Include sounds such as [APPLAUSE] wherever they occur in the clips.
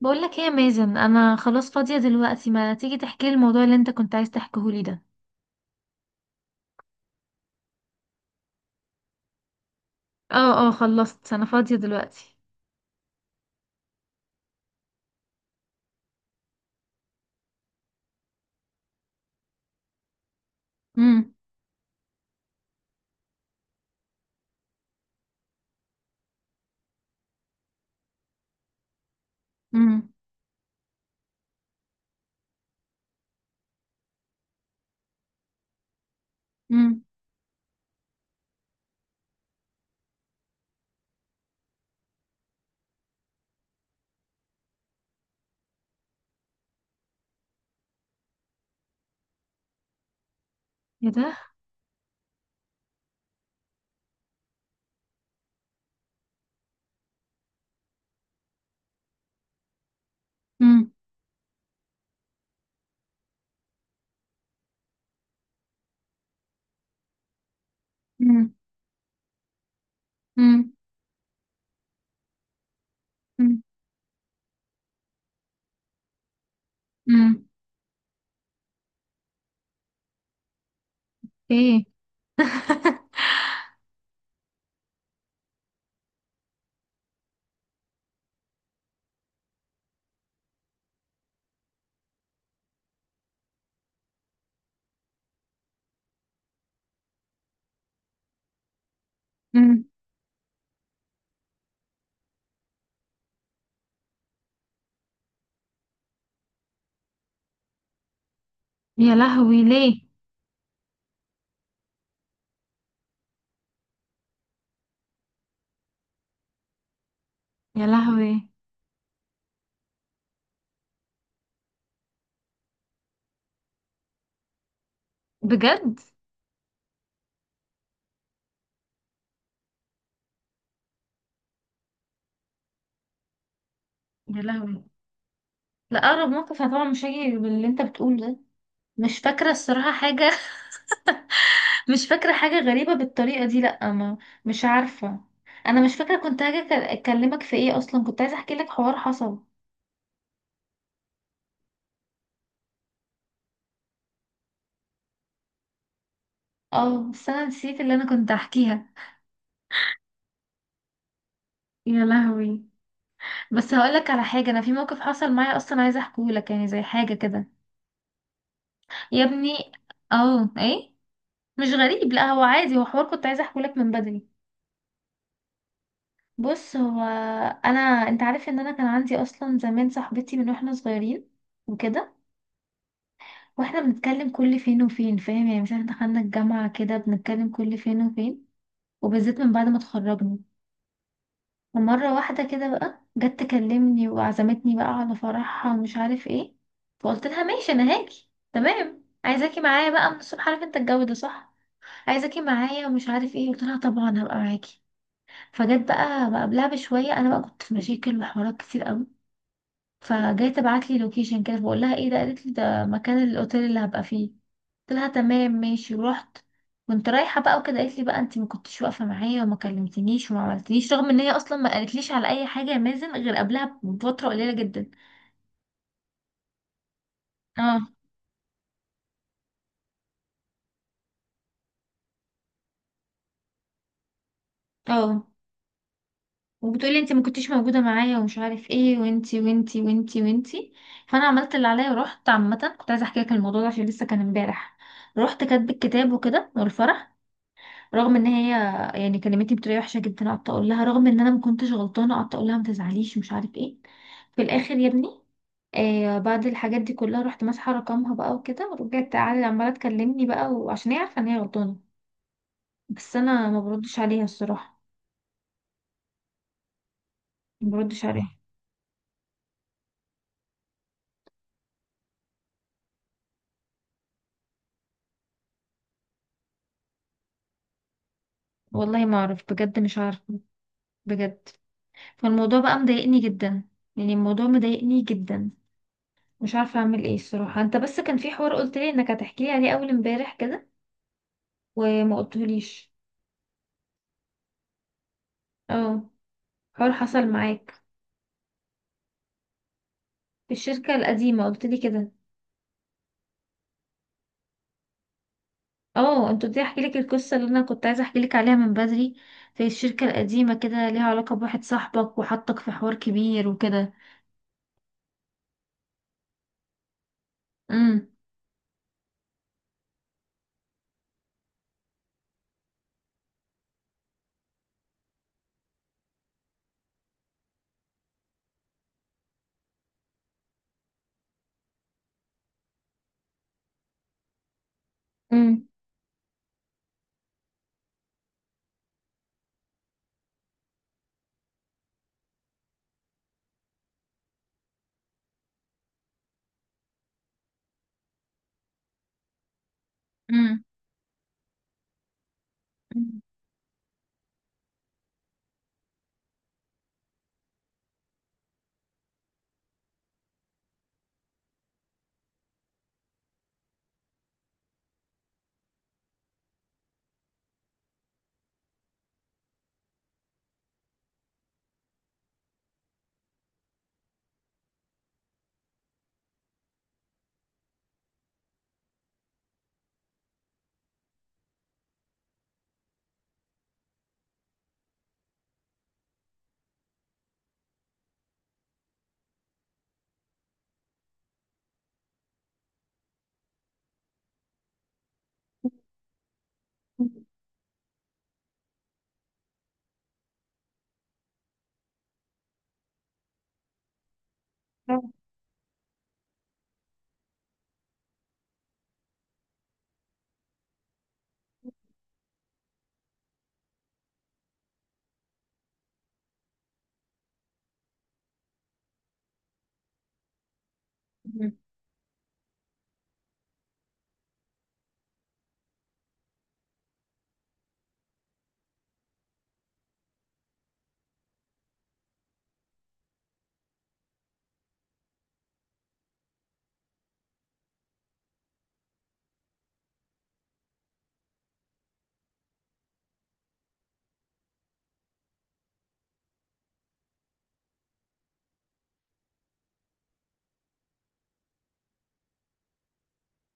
بقول لك ايه يا مازن، انا خلاص فاضيه دلوقتي. ما تيجي تحكي لي الموضوع اللي انت كنت عايز تحكيه لي ده. اه اه، خلصت. انا فاضيه دلوقتي. امم. امم. امم. ايه ده. امم. امم. امم. امم. امم. ايه. [LAUGHS] امم. يا لهوي، ليه؟ يا لهوي. بجد؟ يا لهوي. لا، اقرب موقف أنا طبعا مش هيجي باللي انت بتقوله ده. مش فاكره الصراحه حاجه. [LAUGHS] مش فاكرة حاجة غريبة بالطريقة دي، لأ ما. مش عارفة. أنا مش فاكرة كنت هاجي أكلمك في إيه أصلا. كنت عايزة أحكي لك حوار حصل. اه، بس أنا نسيت اللي أنا كنت أحكيها. يا لهوي. بس هقولك على حاجة، أنا في موقف حصل معايا أصلا، عايزة أحكيهولك، يعني زي حاجة كده. يا ابني. اه. إيه. مش غريب لأ، هو عادي، هو حوار كنت عايزة أحكيهولك من بدري. بص، هو، أنا، أنت عارف إن أنا كان عندي أصلا زمان صاحبتي من وإحنا صغيرين وكده. واحنا بنتكلم كل فين وفين، فاهم، يعني مثلا دخلنا الجامعة كده بنتكلم كل فين وفين، وبالذات من بعد ما اتخرجنا. ومرة واحدة كده بقى جت تكلمني وعزمتني بقى على فرحها ومش عارف ايه. فقلت لها ماشي انا هاجي تمام، عايزاكي معايا بقى من الصبح، عارف انت الجو ده صح، عايزاكي معايا ومش عارف ايه، قلت لها طبعا هبقى معاكي. فجت بقى قبلها بشوية، انا بقى كنت في مشاكل وحوارات كتير قوي. فجاي تبعت لي لوكيشن كده، بقول لها ايه ده، قالت لي ده مكان الاوتيل اللي هبقى فيه. قلت لها تمام ماشي، ورحت. كنت رايحه بقى وكده، قالت لي بقى انت ما كنتش واقفه معايا وما كلمتنيش وما عملتليش، رغم ان هي اصلا ما قالتليش على اي حاجه يا مازن غير قبلها بفتره قليله جدا. اه. اه. وبتقولي انت ما كنتيش موجوده معايا ومش عارف ايه، وانتي وانتي وانتي وانتي. فانا عملت اللي عليا ورحت. عامه كنت عايزه احكي لك الموضوع ده عشان لسه كان امبارح. رحت كاتب الكتاب وكده والفرح، رغم ان هي، يعني كلمتني بطريقه وحشه جدا. قعدت اقول لها رغم ان انا ما كنتش غلطانه، قعدت اقول لها ما تزعليش ومش عارف ايه. في الاخر يا ابني، آه، بعد الحاجات دي كلها رحت ماسحه رقمها بقى وكده، ورجعت تعالى عماله تكلمني بقى، وعشان هي عارفه ان هي غلطانه، بس انا ما بردش عليها الصراحه. ما بردش عليها. والله ما اعرف بجد، مش عارفه. بجد. فالموضوع بقى مضايقني جدا. يعني الموضوع مضايقني جدا، مش عارفه اعمل ايه الصراحه. انت بس كان في حوار قلت لي انك هتحكي لي عليه اول امبارح كده، وما قلتهوليش. اه. حوار حصل معاك. في الشركة القديمة قلت لي كده. اه، انت قلت لي احكي لك القصة اللي انا كنت عايزة احكي لك عليها من بدري. في الشركة القديمة كده، ليها علاقة بواحد صاحبك وحطك في حوار كبير وكده. امم. امم. امم.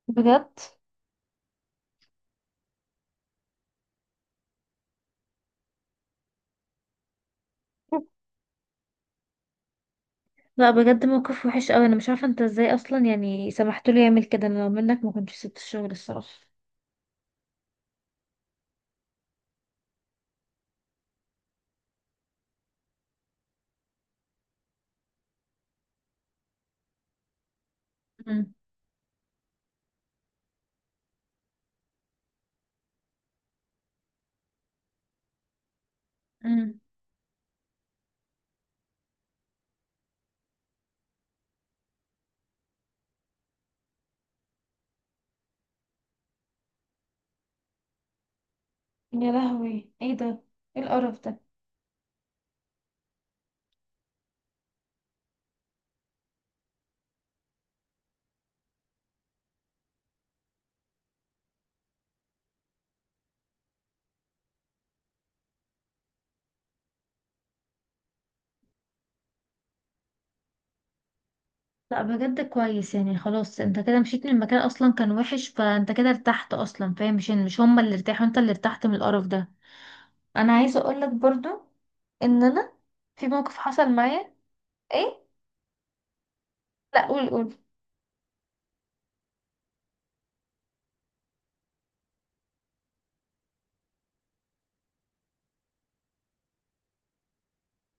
بجد. لا بجد موقف وحش قوي، انا مش عارفة انت ازاي اصلا يعني سمحت له يعمل كده. انا لو منك ما كنتش سبت الشغل الصراحة. امم. امم. يا لهوي، ايه ده. ايه القرف ده. لا بجد كويس يعني، خلاص انت كده مشيت من المكان اصلا كان وحش، فانت كده ارتحت اصلا، فاهم. مش هما اللي ارتاحوا، انت اللي ارتحت من القرف ده. انا عايزه اقول لك برضو ان انا في موقف حصل معايا. ايه. لا، قول قول.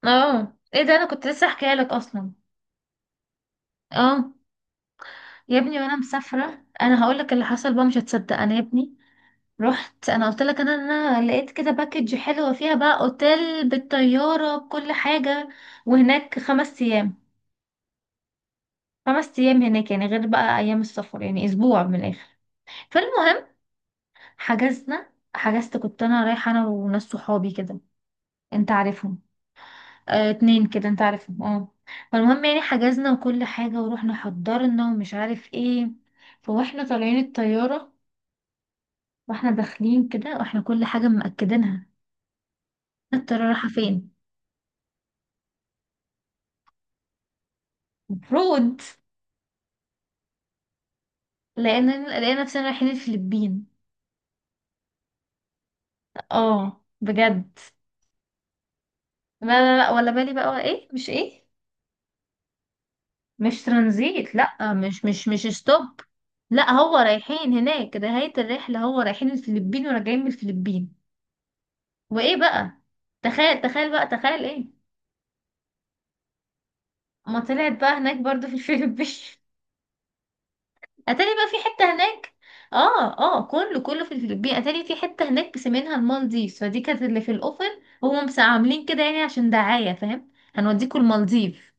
اه، ايه ده، انا كنت لسه احكيها لك اصلا. اه. يا ابني وانا مسافره انا هقول لك اللي حصل بقى، مش هتصدق انا يا ابني. رحت، انا قلت لك انا لقيت كده باكج حلوه فيها بقى اوتيل بالطياره بكل حاجه، وهناك 5 ايام. 5 ايام هناك يعني غير بقى ايام السفر، يعني اسبوع من الاخر. فالمهم حجزنا، حجزت كنت انا رايحه انا وناس صحابي كده، انت عارفهم. اه، 2 كده، انت عارفهم اه. فالمهم يعني حجزنا وكل حاجه، ورحنا حضرنا ومش عارف ايه. فواحنا طالعين الطياره واحنا داخلين كده، واحنا كل حاجه مأكدينها، الطياره رايحه فين. المفروض. لقينا لقينا نفسنا رايحين الفلبين. اه بجد. لا لا لا، ولا بالي بقى، ولا ايه مش ايه. مش ترانزيت. لا، مش ستوب. لا هو رايحين هناك نهاية الرحلة، هو رايحين الفلبين وراجعين من الفلبين. وايه بقى. تخيل تخيل بقى تخيل ايه. ما طلعت بقى هناك برضو في الفلبين. [LAUGHS] اتاري بقى في حتة هناك. اه. اه. كله كله في الفلبين، اتاري في حتة هناك بيسمينها المالديف، فدي كانت اللي في الاوفر، هم بس عاملين كده يعني عشان دعاية فاهم، هنوديكوا المالديف.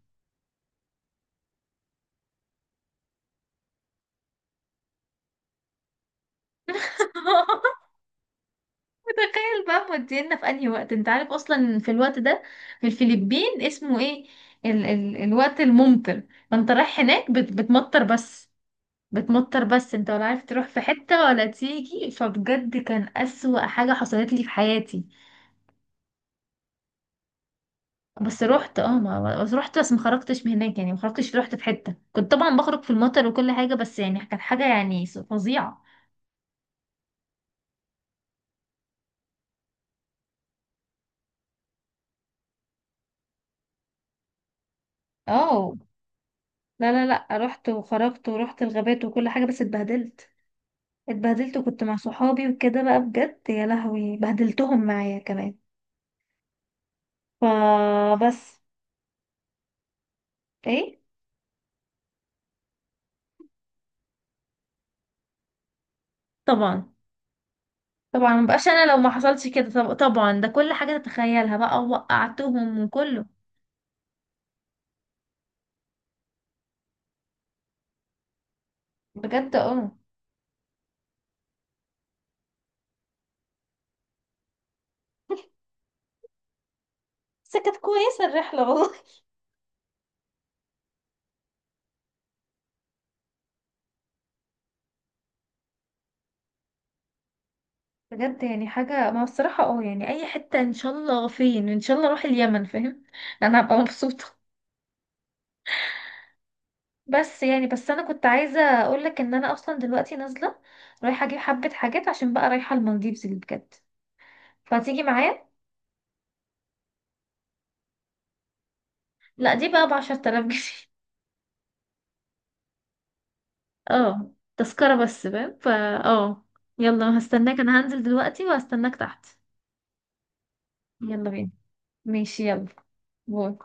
[LAUGHS] متخيل بقى، مودينا في انهي وقت. انت عارف اصلا في الوقت ده في الفلبين اسمه ايه؟ ال ال الوقت الممطر. فانت رايح هناك بتمطر بس. انت ولا عارف تروح في حتة ولا تيجي، فبجد كان اسوأ حاجة حصلت لي في حياتي. بس رحت اه ما بس رحت بس ما خرجتش من هناك، يعني ما خرجتش. رحت في حتة، كنت طبعا بخرج في المطر وكل حاجة بس، يعني كانت حاجة يعني فظيعة. اه. لا لا لا، رحت وخرجت ورحت الغابات وكل حاجة، بس اتبهدلت. اتبهدلت وكنت مع صحابي وكده بقى بجد، يا لهوي، بهدلتهم معايا كمان. فبس. ايه. طبعا. طبعا مبقاش انا لو ما حصلش كده. طبعا ده كل حاجة تتخيلها بقى، وقعتهم وكله. بجد. اه. بس كانت كويسة الرحلة والله. [LAUGHS] بجد يعني حاجة، ما هو الصراحة اه، يعني اي حتة ان شاء الله. فين ان شاء الله، اروح اليمن فاهم. [LAUGHS] انا هبقى مبسوطة. بس يعني، بس انا كنت عايزة اقولك ان انا اصلا دلوقتي نازلة، رايحة اجيب حبة حاجات عشان بقى رايحة المالديفز اللي بجد، فتيجي معايا. لا دي بقى بـ 10,000 جنيه. [LAUGHS] اه تذكرة بس فاهم فا. اه. يلا، هستناك، انا هنزل دلوقتي وهستناك تحت. يلا بينا. ماشي يلا. باي.